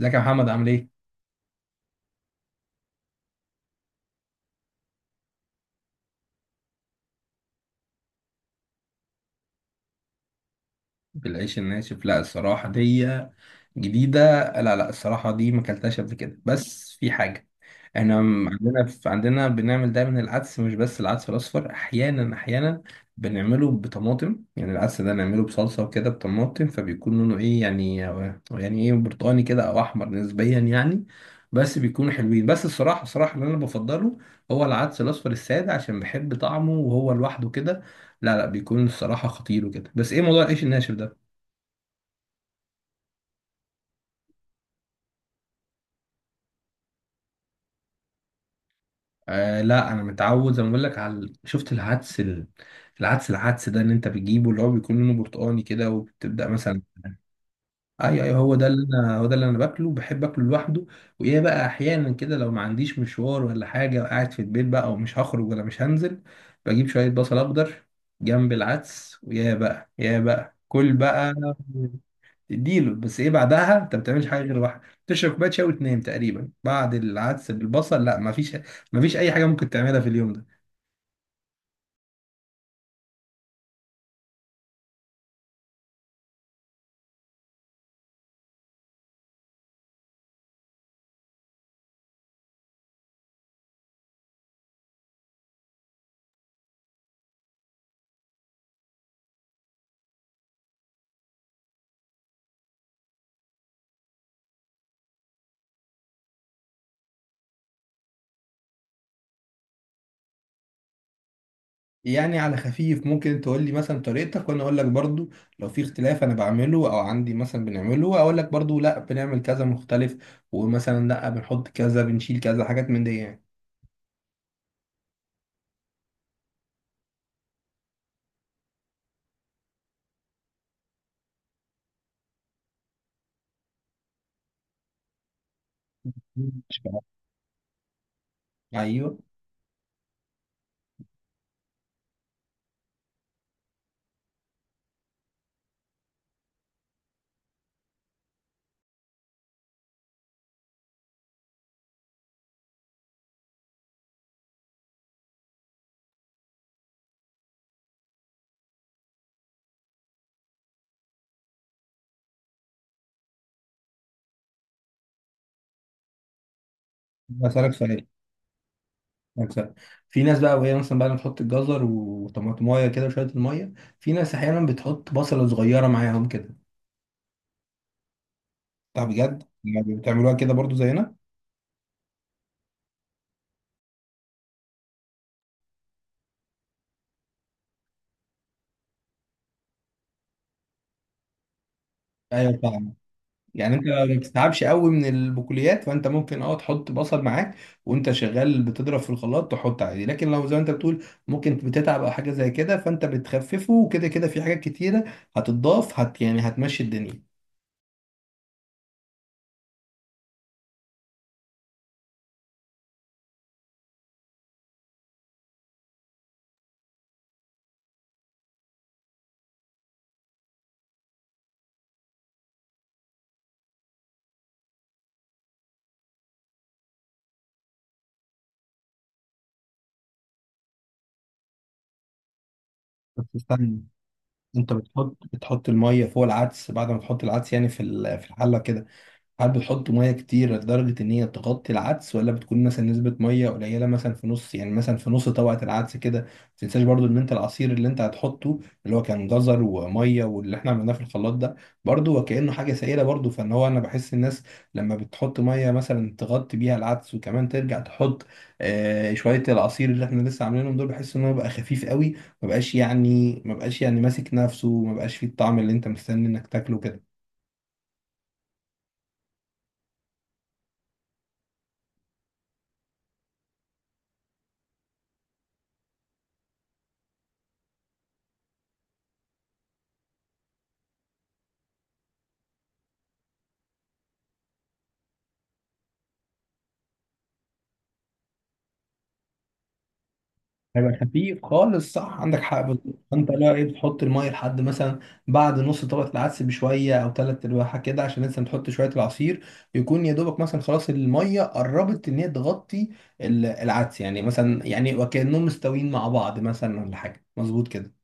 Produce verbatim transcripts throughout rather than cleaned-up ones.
ازيك يا محمد عامل ايه؟ بالعيش الناشف، لا الصراحة دي جديدة. لا لا، الصراحة دي ما اكلتهاش قبل كده، بس في حاجة، احنا م- عندنا، في عندنا بنعمل دايما العدس، مش بس العدس الأصفر. أحيانا أحيانا بنعمله بطماطم، يعني العدس ده نعمله بصلصة وكده بطماطم، فبيكون لونه ايه يعني، يعني ايه، برتقاني كده أو أحمر نسبيا يعني. بس بيكونوا حلوين. بس الصراحة الصراحة اللي أنا بفضله هو العدس الأصفر السادة، عشان بحب طعمه وهو لوحده كده. لا لا، بيكون الصراحة خطير وكده. بس ايه موضوع العيش الناشف ده؟ آه لا، انا متعود زي ما بقول لك على، شفت العدس ال... العدس العدس ده ان انت بتجيبه، اللي هو بيكون لونه برتقاني كده وبتبدأ مثلا. ايوه ايوه، هو ده اللي انا هو ده اللي انا باكله، بحب اكله لوحده. وايه بقى، احيانا كده لو ما عنديش مشوار ولا حاجة وقاعد في البيت بقى ومش هخرج ولا مش هنزل، بجيب شوية بصل اخضر جنب العدس، ويا بقى يا بقى كل بقى. اديله. بس ايه، بعدها انت ما بتعملش حاجه غير واحد، تشرب كوبايه شاي وتنام تقريبا. بعد العدس بالبصل، لا ما فيش، ما فيش اي حاجه ممكن تعملها في اليوم ده. يعني على خفيف ممكن تقول لي مثلا طريقتك، وانا اقول لك برضو لو في اختلاف. انا بعمله او عندي مثلا بنعمله، اقول لك برضو لا، بنعمل كذا مختلف، ومثلا لا بنحط كذا بنشيل كذا، حاجات من دي يعني. مش بعرف. ايوه. هسألك سؤال هسألك سؤال، في ناس بقى وهي مثلا بقى بتحط الجزر وطماطمايه كده وشويه الميه. في ناس احيانا بتحط بصله صغيره معاهم كده. طب بجد يعني بتعملوها كده برضو زينا؟ ايوه فاهم. يعني انت ما بتتعبش قوي من البقوليات، فانت ممكن اه تحط بصل معاك وانت شغال بتضرب في الخلاط، تحط عادي. لكن لو زي ما انت بتقول ممكن بتتعب او حاجه زي كده، فانت بتخففه وكده كده في حاجات كتيره هتتضاف، هت يعني هتمشي الدنيا. بس استنى، انت بتحط بتحط الميه فوق العدس بعد ما تحط العدس، يعني في ال- في الحله كده. هل بتحطوا ميه كتير لدرجه ان هي تغطي العدس، ولا بتكون مثلا نسبه ميه قليله، مثلا في نص يعني مثلا في نص طبقه العدس كده؟ ما تنساش برضو ان انت العصير اللي انت هتحطه، اللي هو كان جزر وميه واللي احنا عملناه في الخلاط ده، برضو وكانه حاجه سائله برضو، فان هو انا بحس الناس لما بتحط ميه مثلا تغطي بيها العدس وكمان ترجع تحط آه شويه العصير اللي احنا لسه عاملينهم دول، بحس ان هو بقى خفيف قوي. ما بقاش يعني ما بقاش يعني ماسك نفسه، ما بقاش فيه الطعم اللي انت مستني انك تاكله كده. هيبقى خفيف خالص، صح عندك حق بالظبط. فانت لا ايه، بتحط الميه لحد مثلا بعد نص طبقه العدس بشويه او ثلاث ارباعها كده، عشان لسه بتحط شويه العصير، يكون يا دوبك مثلا خلاص الميه قربت ان هي تغطي ال- العدس، يعني مثلا يعني وكانهم مستويين مع بعض مثلا ولا حاجه مظبوط كده.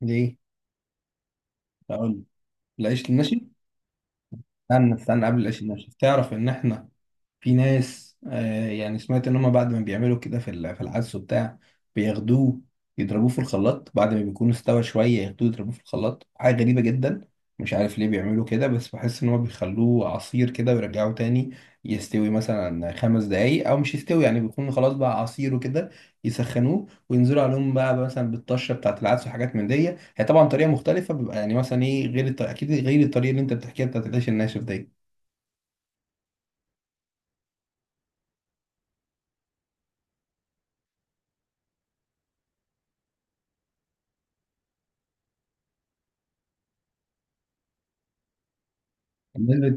ليه؟ اقول العيش المشي. استنى استنى، قبل العيش المشي، تعرف ان احنا في ناس آه، يعني سمعت ان هم بعد ما بيعملوا كده في ال- في العدس وبتاع، بياخدوه يضربوه في الخلاط بعد ما بيكون استوى شويه، ياخدوه يضربوه في الخلاط. حاجه غريبه جدا، مش عارف ليه بيعملوا كده، بس بحس ان هو بيخلوه عصير كده ويرجعوه تاني يستوي مثلا خمس دقايق، او مش يستوي يعني بيكون خلاص بقى عصير وكده يسخنوه وينزلوا عليهم بقى مثلا بالطشه بتاعت العدس وحاجات من دي. هي طبعا طريقه مختلفه، بيبقى يعني مثلا ايه، غير الط- اكيد غير الطريقه اللي انت بتحكيها بتاعت العيش الناشف دي. الناس،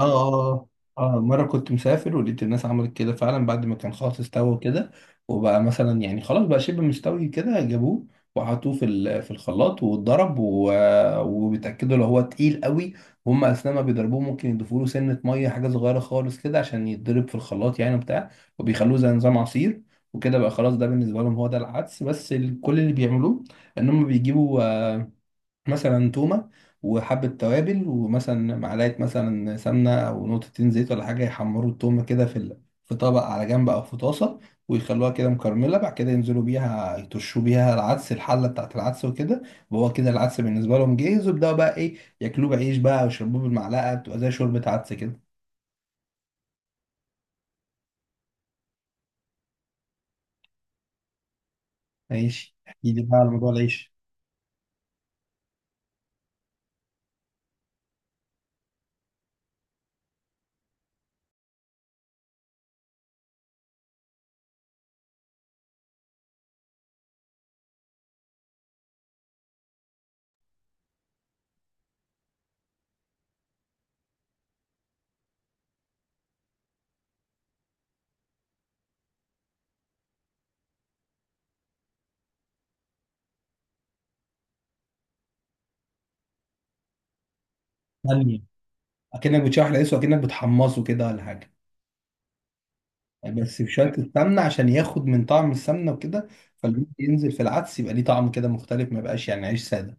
اه اه اه اه مرة كنت مسافر ولقيت الناس عملت كده فعلا، بعد ما كان خلاص استوى كده وبقى مثلا يعني خلاص بقى شبه مستوي كده، جابوه وحطوه في ال- في الخلاط واتضرب، و- وبيتأكدوا لو هو تقيل قوي وهم اثناء ما بيضربوه ممكن يضيفوا له سنة مية حاجة صغيرة خالص كده عشان يتضرب في الخلاط يعني وبتاع، وبيخلوه زي نظام عصير وكده بقى خلاص. ده بالنسبة لهم هو ده العدس. بس ال- كل اللي بيعملوه ان هم بيجيبوا مثلا تومة وحبة توابل ومثلا معلقة مثلا سمنة أو نقطتين زيت ولا حاجة، يحمروا التومة كده في ال- في طبق على جنب أو في طاسة، ويخلوها كده مكرملة. بعد كده ينزلوا بيها يطشوا بيها العدس الحلة بتاعت العدس وكده، وهو كده العدس بالنسبة لهم جاهز. ويبدأوا بقى إيه، ياكلوه بعيش بقى ويشربوه بالمعلقة بتبقى زي شوربة عدس كده. ماشي، احكي لي بقى على موضوع العيش. بامية، أكنك بتشوح العيش وأكنك بتحمصه كده ولا حاجة؟ بس بشوية السمنة عشان ياخد من طعم السمنة وكده، فاللي ينزل في العدس يبقى ليه طعم كده مختلف، ما يبقاش يعني عيش سادة.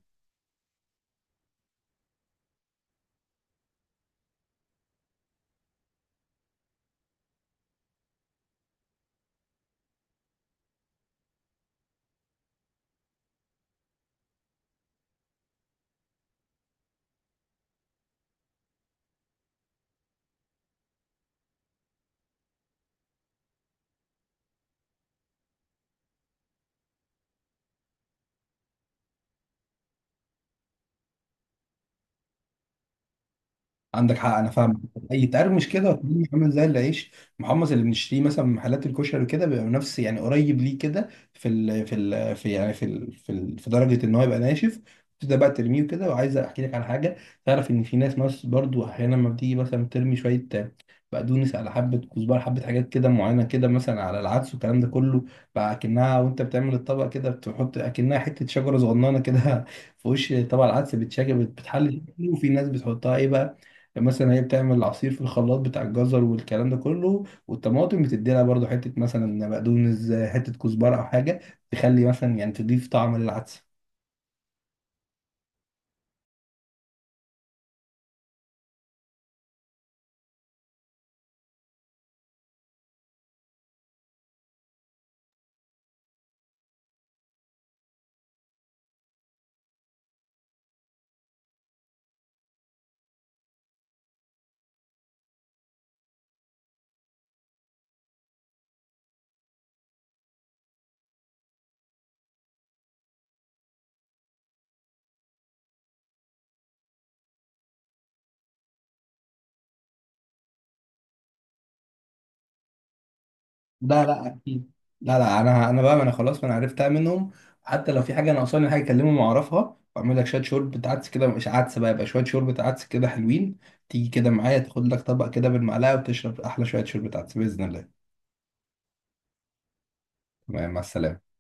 عندك حق انا فاهم. يتقرمش كده وتلاقيه عامل زي العيش محمص اللي بنشتريه مثلا من محلات الكشري كده، بيبقى نفس يعني قريب ليه كده في ال في ال في يعني في ال في, ال في درجه ان هو يبقى ناشف. تبدا بقى ترميه كده. وعايز احكي لك على حاجه، تعرف ان في ناس، ناس برضو احيانا لما بتيجي مثلا ترمي شويه بقدونس على حبه كزبره، حبه حاجات كده معينه كده مثلا على العدس والكلام ده كله، بقى اكنها وانت بتعمل الطبق كده، بتحط اكنها حته شجره صغننه كده في وش طبق العدس، بتشكل بتحل شكله، وفي ناس بتحطها ايه بقى، يعني مثلا هي بتعمل العصير في الخلاط بتاع الجزر والكلام ده كله والطماطم، بتدي لها برضه حته مثلا بقدونس، حته كزبره او حاجه، تخلي مثلا يعني تضيف طعم للعدس. لا لا اكيد، لا لا انا انا بقى، ما انا خلاص، ما انا عرفتها منهم. حتى لو في حاجه ناقصاني حاجه، اكلمهم واعرفها، واعمل لك شويه شوربه عدس كده، مش عدس بقى يبقى، شويه شوربه عدس كده حلوين، تيجي كده معايا تاخد لك طبق كده بالمعلقه وتشرب احلى شويه شوربه عدس باذن الله. تمام، مع السلامه.